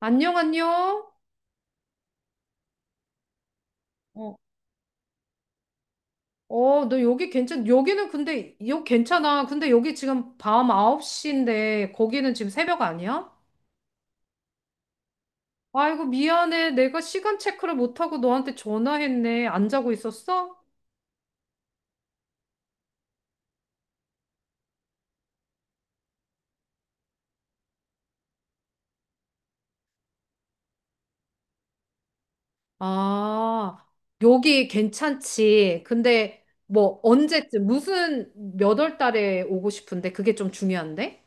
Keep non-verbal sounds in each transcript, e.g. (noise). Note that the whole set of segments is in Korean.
안녕, 안녕. 어, 여기는 여기 괜찮아. 근데 여기 지금 밤 9시인데, 거기는 지금 새벽 아니야? 아이고, 미안해. 내가 시간 체크를 못하고 너한테 전화했네. 안 자고 있었어? 아, 여기 괜찮지. 근데, 뭐, 언제쯤, 무슨, 몇 월 달에 오고 싶은데, 그게 좀 중요한데?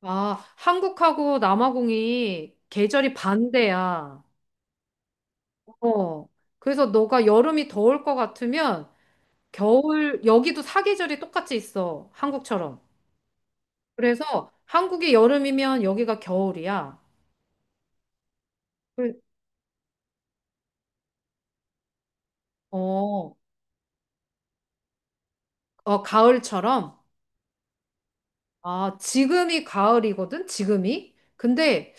아, 한국하고 남아공이 계절이 반대야. 어. 그래서 너가 여름이 더울 것 같으면 여기도 사계절이 똑같이 있어. 한국처럼. 그래서 한국이 여름이면 여기가 겨울이야. 그- 어, 가을처럼? 아, 지금이 가을이거든? 지금이? 근데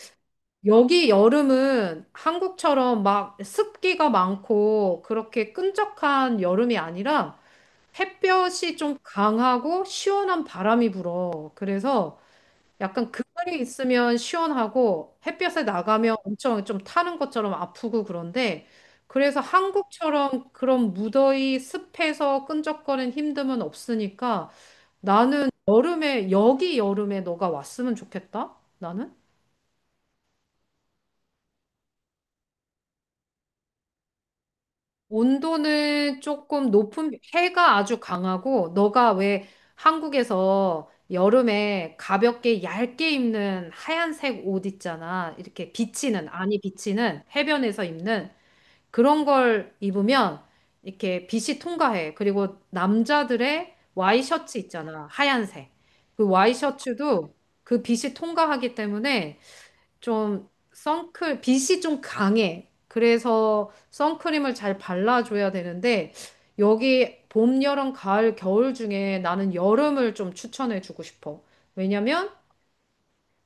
여기 여름은 한국처럼 막 습기가 많고 그렇게 끈적한 여름이 아니라 햇볕이 좀 강하고 시원한 바람이 불어. 그래서 약간 그늘이 있으면 시원하고 햇볕에 나가면 엄청 좀 타는 것처럼 아프고 그런데 그래서 한국처럼 그런 무더위 습해서 끈적거리는 힘듦은 없으니까 나는 여름에 여기 여름에 너가 왔으면 좋겠다. 나는 온도는 조금 높은 해가 아주 강하고 너가 왜 한국에서 여름에 가볍게 얇게 입는 하얀색 옷 있잖아. 이렇게 비치는 아니 비치는 해변에서 입는 그런 걸 입으면 이렇게 빛이 통과해. 그리고 남자들의 와이셔츠 있잖아. 하얀색. 그 와이셔츠도 그 빛이 통과하기 때문에 빛이 좀 강해. 그래서 선크림을 잘 발라줘야 되는데 여기 봄, 여름, 가을, 겨울 중에 나는 여름을 좀 추천해주고 싶어. 왜냐면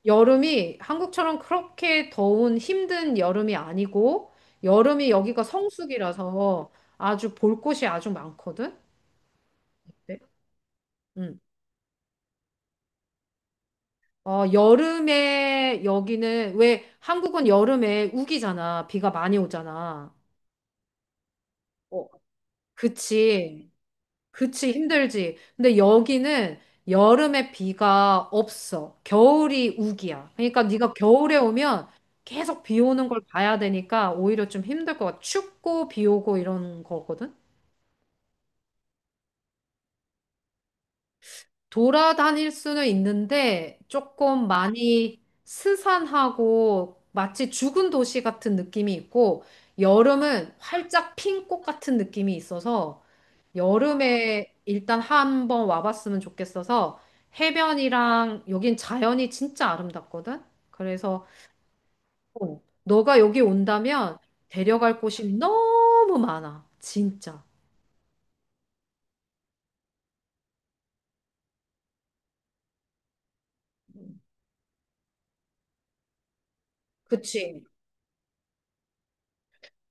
여름이 한국처럼 그렇게 더운 힘든 여름이 아니고 여름이 여기가 성수기라서 아주 볼 곳이 아주 많거든. 네. 음. 어, 여름에 여기는 왜 한국은 여름에 우기잖아. 비가 많이 오잖아. 어, 그치. 그치, 힘들지. 근데 여기는 여름에 비가 없어. 겨울이 우기야. 그러니까 네가 겨울에 오면 계속 비 오는 걸 봐야 되니까 오히려 좀 힘들 것 같아. 춥고 비 오고 이런 거거든. 돌아다닐 수는 있는데 조금 많이 스산하고 마치 죽은 도시 같은 느낌이 있고 여름은 활짝 핀 꽃 같은 느낌이 있어서 여름에 일단 한번 와봤으면 좋겠어서 해변이랑 여긴 자연이 진짜 아름답거든. 그래서 어, 너가 여기 온다면 데려갈 곳이 너무 많아. 진짜. 그치.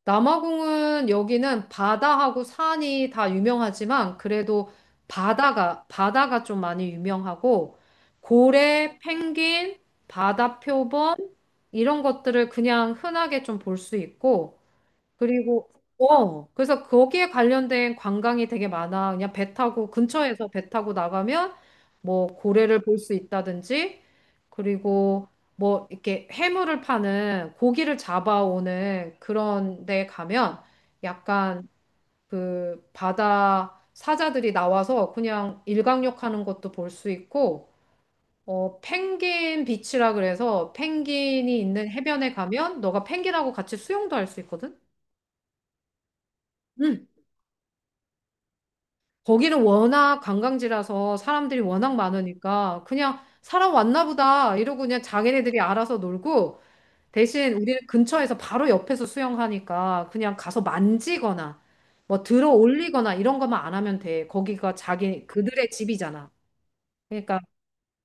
남아공은 여기는 바다하고 산이 다 유명하지만 그래도 바다가 좀 많이 유명하고 고래, 펭귄, 바다표범 이런 것들을 그냥 흔하게 좀 볼 수 있고 그리고 어 그래서 거기에 관련된 관광이 되게 많아. 그냥 배 타고 근처에서 배 타고 나가면 뭐 고래를 볼 수 있다든지 그리고 뭐 이렇게 해물을 파는 고기를 잡아오는 그런 데 가면 약간 그 바다 사자들이 나와서 그냥 일광욕 하는 것도 볼 수 있고 어 펭귄 비치라 그래서 펭귄이 있는 해변에 가면 너가 펭귄하고 같이 수영도 할 수 있거든. 거기는 워낙 관광지라서 사람들이 워낙 많으니까 그냥 사람 왔나 보다 이러고 그냥 자기네들이 알아서 놀고 대신 우리는 근처에서 바로 옆에서 수영하니까 그냥 가서 만지거나 뭐 들어 올리거나 이런 것만 안 하면 돼. 거기가 자기 그들의 집이잖아. 그러니까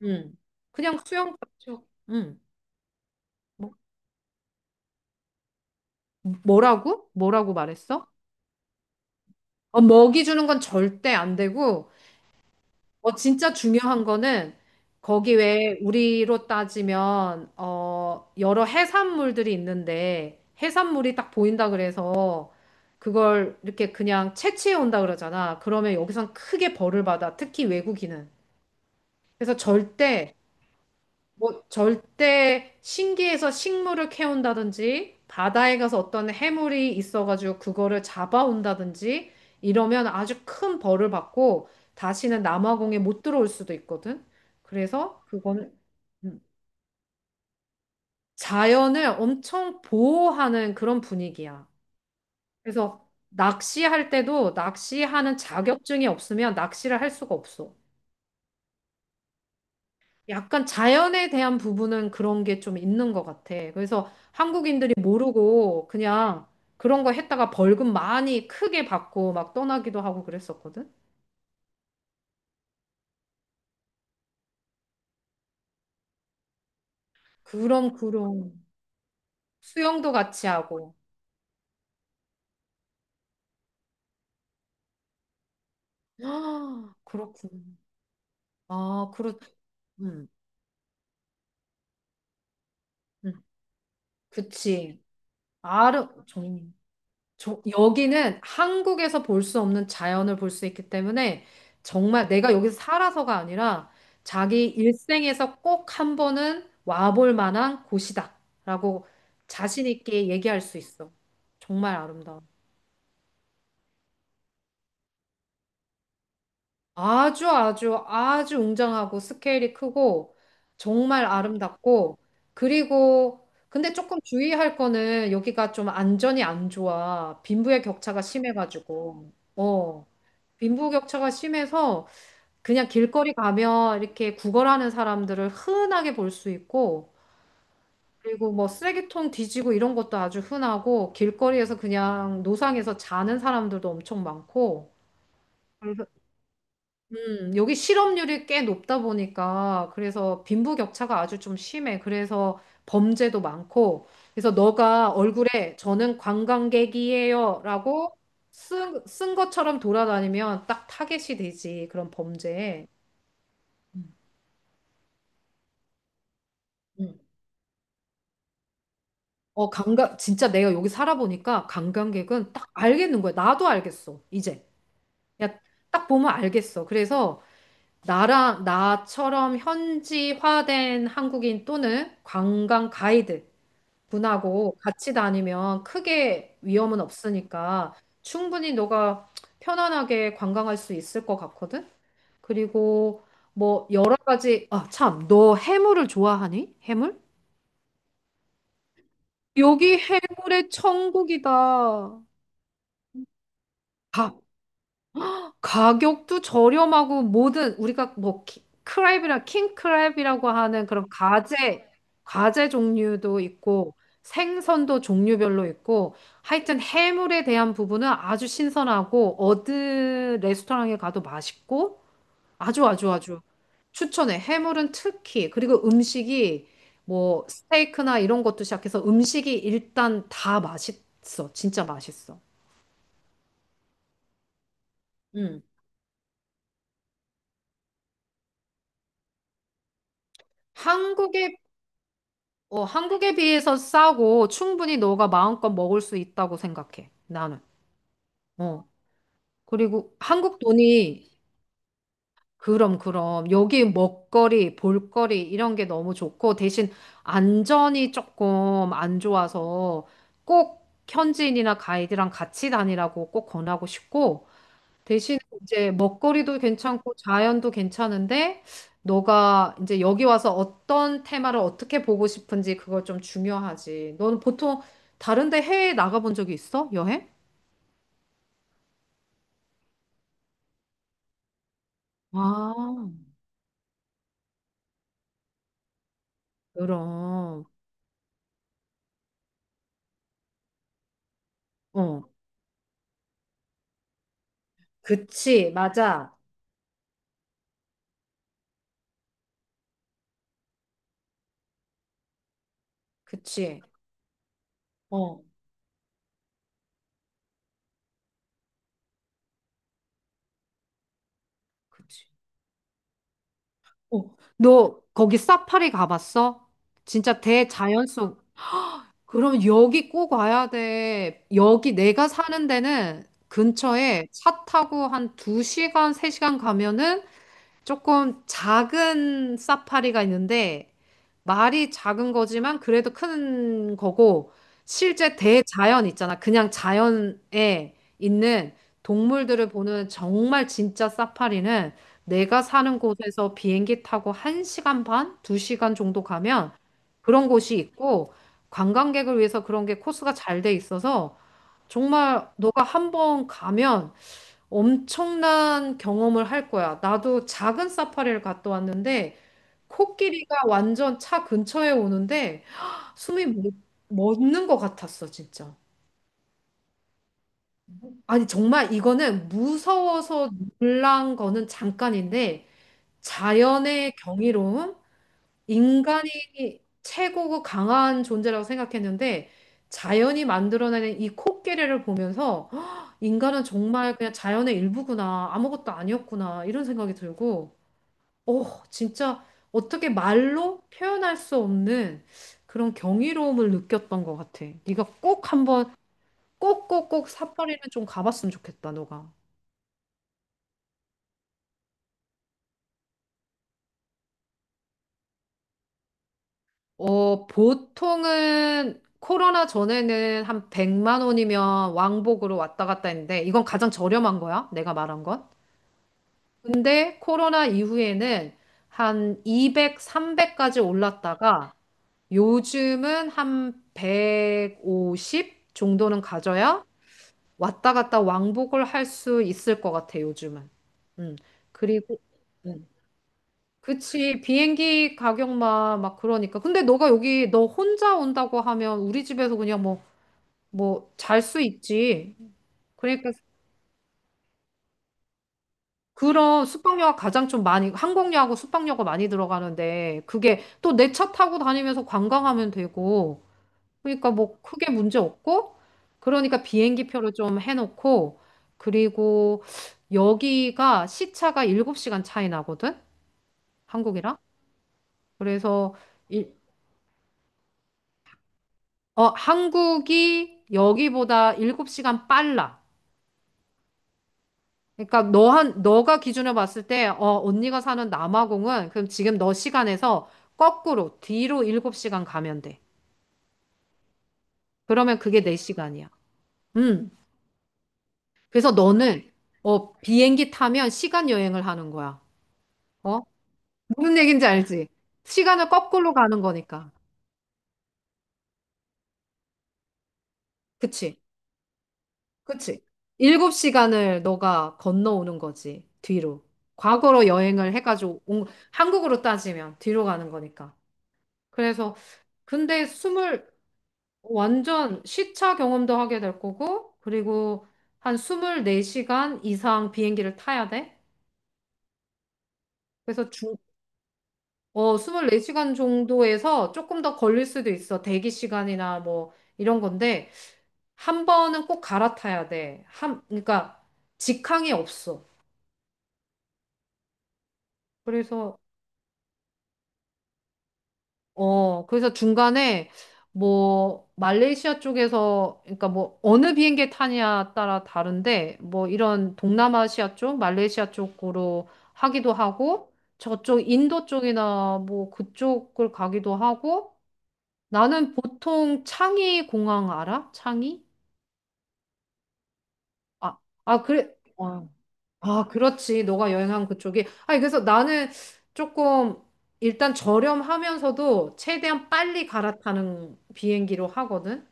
음. 그냥 수영 그렇죠. 음. 뭐, 뭐라고? 뭐라고 말했어? 어, 먹이 주는 건 절대 안 되고 어, 진짜 중요한 거는 거기 왜 우리로 따지면 어, 여러 해산물들이 있는데 해산물이 딱 보인다 그래서 그걸 이렇게 그냥 채취해 온다 그러잖아. 그러면 여기선 크게 벌을 받아. 특히 외국인은. 그래서 절대 뭐 절대 신기해서 식물을 캐온다든지 바다에 가서 어떤 해물이 있어가지고 그거를 잡아온다든지 이러면 아주 큰 벌을 받고 다시는 남아공에 못 들어올 수도 있거든. 그래서 그거는 음, 자연을 엄청 보호하는 그런 분위기야. 그래서 낚시할 때도 낚시하는 자격증이 없으면 낚시를 할 수가 없어. 약간 자연에 대한 부분은 그런 게 좀 있는 것 같아. 그래서 한국인들이 모르고 그냥 그런 거 했다가 벌금 많이 크게 받고 막 떠나기도 하고 그랬었거든. 그럼. 수영도 같이 하고. (gasps) 아, 그렇구나. 아, 그렇. 음, 음. 그치. 아름 정 저- 여기는 한국에서 볼 수 없는 자연을 볼 수 있기 때문에 정말 내가 여기서 살아서가 아니라 자기 일생에서 꼭 한 번은 와볼 만한 곳이다라고 자신 있게 얘기할 수 있어. 정말 아름다워. 아주 웅장하고 스케일이 크고 정말 아름답고 그리고 근데 조금 주의할 거는 여기가 좀 안전이 안 좋아. 빈부의 격차가 심해가지고. 어. 빈부 격차가 심해서 그냥 길거리 가면 이렇게 구걸하는 사람들을 흔하게 볼 수 있고 그리고 뭐 쓰레기통 뒤지고 이런 것도 아주 흔하고 길거리에서 그냥 노상에서 자는 사람들도 엄청 많고 여기 실업률이 꽤 높다 보니까 그래서 빈부격차가 아주 좀 심해. 그래서 범죄도 많고. 그래서 너가 얼굴에 저는 관광객이에요라고 쓴 것처럼 돌아다니면 딱 타겟이 되지. 그런 범죄에. 음. 어, 관광 진짜 내가 여기 살아보니까 관광객은 딱 알겠는 거야. 나도 알겠어. 이제. 야, 딱 보면 알겠어. 그래서 나랑 나처럼 현지화된 한국인 또는 관광 가이드 분하고 같이 다니면 크게 위험은 없으니까 충분히 너가 편안하게 관광할 수 있을 것 같거든? 그리고 뭐 여러 가지, 아, 참, 너 해물을 좋아하니? 해물? 여기 해물의 천국이다. 다 가격도 저렴하고 모든 우리가 크랩이라 킹크랩이라고 하는 그런 가재 가재 종류도 있고 생선도 종류별로 있고 하여튼 해물에 대한 부분은 아주 신선하고 어느 레스토랑에 가도 맛있고 아주 추천해. 해물은 특히 그리고 음식이 뭐 스테이크나 이런 것도 시작해서 음식이 일단 다 맛있어. 진짜 맛있어. 음. 한국에 어, 한국에 비해서 싸고 충분히 너가 마음껏 먹을 수 있다고 생각해. 나는. 어. 그리고 한국 돈이 그럼 여기 먹거리, 볼거리 이런 게 너무 좋고 대신 안전이 조금 안 좋아서 꼭 현지인이나 가이드랑 같이 다니라고 꼭 권하고 싶고 대신 이제 먹거리도 괜찮고 자연도 괜찮은데 너가 이제 여기 와서 어떤 테마를 어떻게 보고 싶은지 그걸 좀 중요하지. 너는 보통 다른 데 해외에 나가본 적이 있어? 여행? 아, 그럼. 어. 그치. 맞아. 그치. 어. 그치. 어. 너 거기 사파리 가봤어? 진짜 대자연 속 그럼 여기 꼭 와야 돼. 여기 내가 사는 데는 근처에 차 타고 한 두 시간 세 시간 가면은 조금 작은 사파리가 있는데 말이 작은 거지만 그래도 큰 거고 실제 대자연 있잖아. 그냥 자연에 있는 동물들을 보는 정말 진짜 사파리는 내가 사는 곳에서 비행기 타고 1시간 반, 2시간 정도 가면 그런 곳이 있고 관광객을 위해서 그런 게 코스가 잘 돼 있어서 정말 너가 한번 가면 엄청난 경험을 할 거야. 나도 작은 사파리를 갔다 왔는데 코끼리가 완전 차 근처에 오는데 숨이 멎- 멎는 것 같았어, 진짜. 아니, 정말 이거는 무서워서 놀란 거는 잠깐인데 자연의 경이로움, 인간이 최고고 강한 존재라고 생각했는데 자연이 만들어내는 이 코끼리를 보면서 인간은 정말 그냥 자연의 일부구나, 아무것도 아니었구나, 이런 생각이 들고 어, 진짜 어떻게 말로 표현할 수 없는 그런 경이로움을 느꼈던 것 같아. 네가 꼭 한번 꼭꼭꼭 삿포로는 좀 가봤으면 좋겠다, 너가. 어, 보통은 코로나 전에는 한 100만 원이면 왕복으로 왔다 갔다 했는데 이건 가장 저렴한 거야, 내가 말한 건. 근데 코로나 이후에는 한 200, 300까지 올랐다가 요즘은 한 150 정도는 가져야 왔다 갔다 왕복을 할 수 있을 것 같아, 요즘은. 음. 그리고, 음. 그치, 비행기 가격만 막 그러니까. 근데 너가 여기 너 혼자 온다고 하면 우리 집에서 잘 수 있지. 그러니까 그런 숙박료가 가장 좀 많이, 항공료하고 숙박료가 많이 들어가는데, 그게 또 내 차 타고 다니면서 관광하면 되고, 그러니까 뭐 크게 문제 없고, 그러니까 비행기 표를 좀 해놓고, 그리고 여기가 시차가 7시간 차이 나거든? 한국이랑? 그래서, 일, 어, 한국이 여기보다 7시간 빨라. 너가 기준으로 봤을 때, 어, 언니가 사는 남아공은 그럼 지금 너 시간에서 거꾸로 뒤로 7시간 가면 돼. 그러면 그게 내 시간이야. 음. 그래서 너는, 어, 비행기 타면 시간 여행을 하는 거야. 어? 무슨 얘기인지 알지? 시간을 거꾸로 가는 거니까. 그치? 그치? 일곱 시간을 너가 건너오는 거지. 뒤로. 과거로 여행을 해가지고 온- 한국으로 따지면 뒤로 가는 거니까. 그래서 근데 스물 완전 시차 경험도 하게 될 거고 그리고 한 24시간 이상 비행기를 타야 돼. 그래서 어, 24시간 정도에서 조금 더 걸릴 수도 있어. 대기 시간이나 뭐 이런 건데 한 번은 꼭 갈아타야 돼. 한 그러니까 직항이 없어. 그래서 어, 그래서 중간에 뭐 말레이시아 쪽에서 그러니까 뭐 어느 비행기 타냐에 따라 다른데 뭐 이런 동남아시아 쪽, 말레이시아 쪽으로 하기도 하고 저쪽 인도 쪽이나 뭐 그쪽을 가기도 하고 나는 보통 창의 공항 알아? 창의? 아, 그래. 아, 그렇지. 너가 여행한 그쪽이. 아니, 그래서 나는 조금 일단 저렴하면서도 최대한 빨리 갈아타는 비행기로 하거든.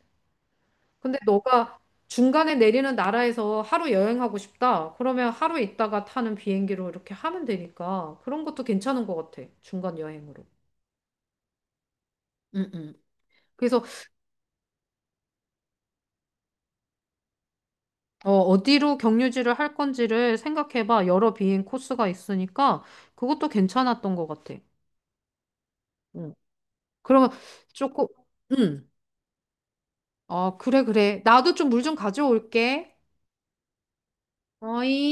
근데 너가 중간에 내리는 나라에서 하루 여행하고 싶다. 그러면 하루 있다가 타는 비행기로 이렇게 하면 되니까 그런 것도 괜찮은 것 같아. 중간 여행으로. 응. 그래서 어, 어디로 경유지를 할 건지를 생각해봐. 여러 비행 코스가 있으니까 그것도 괜찮았던 것 같아. 응. 그러면 조금, 응. 어, 그래, 그래. 나도 좀 물 좀 가져올게. 어이.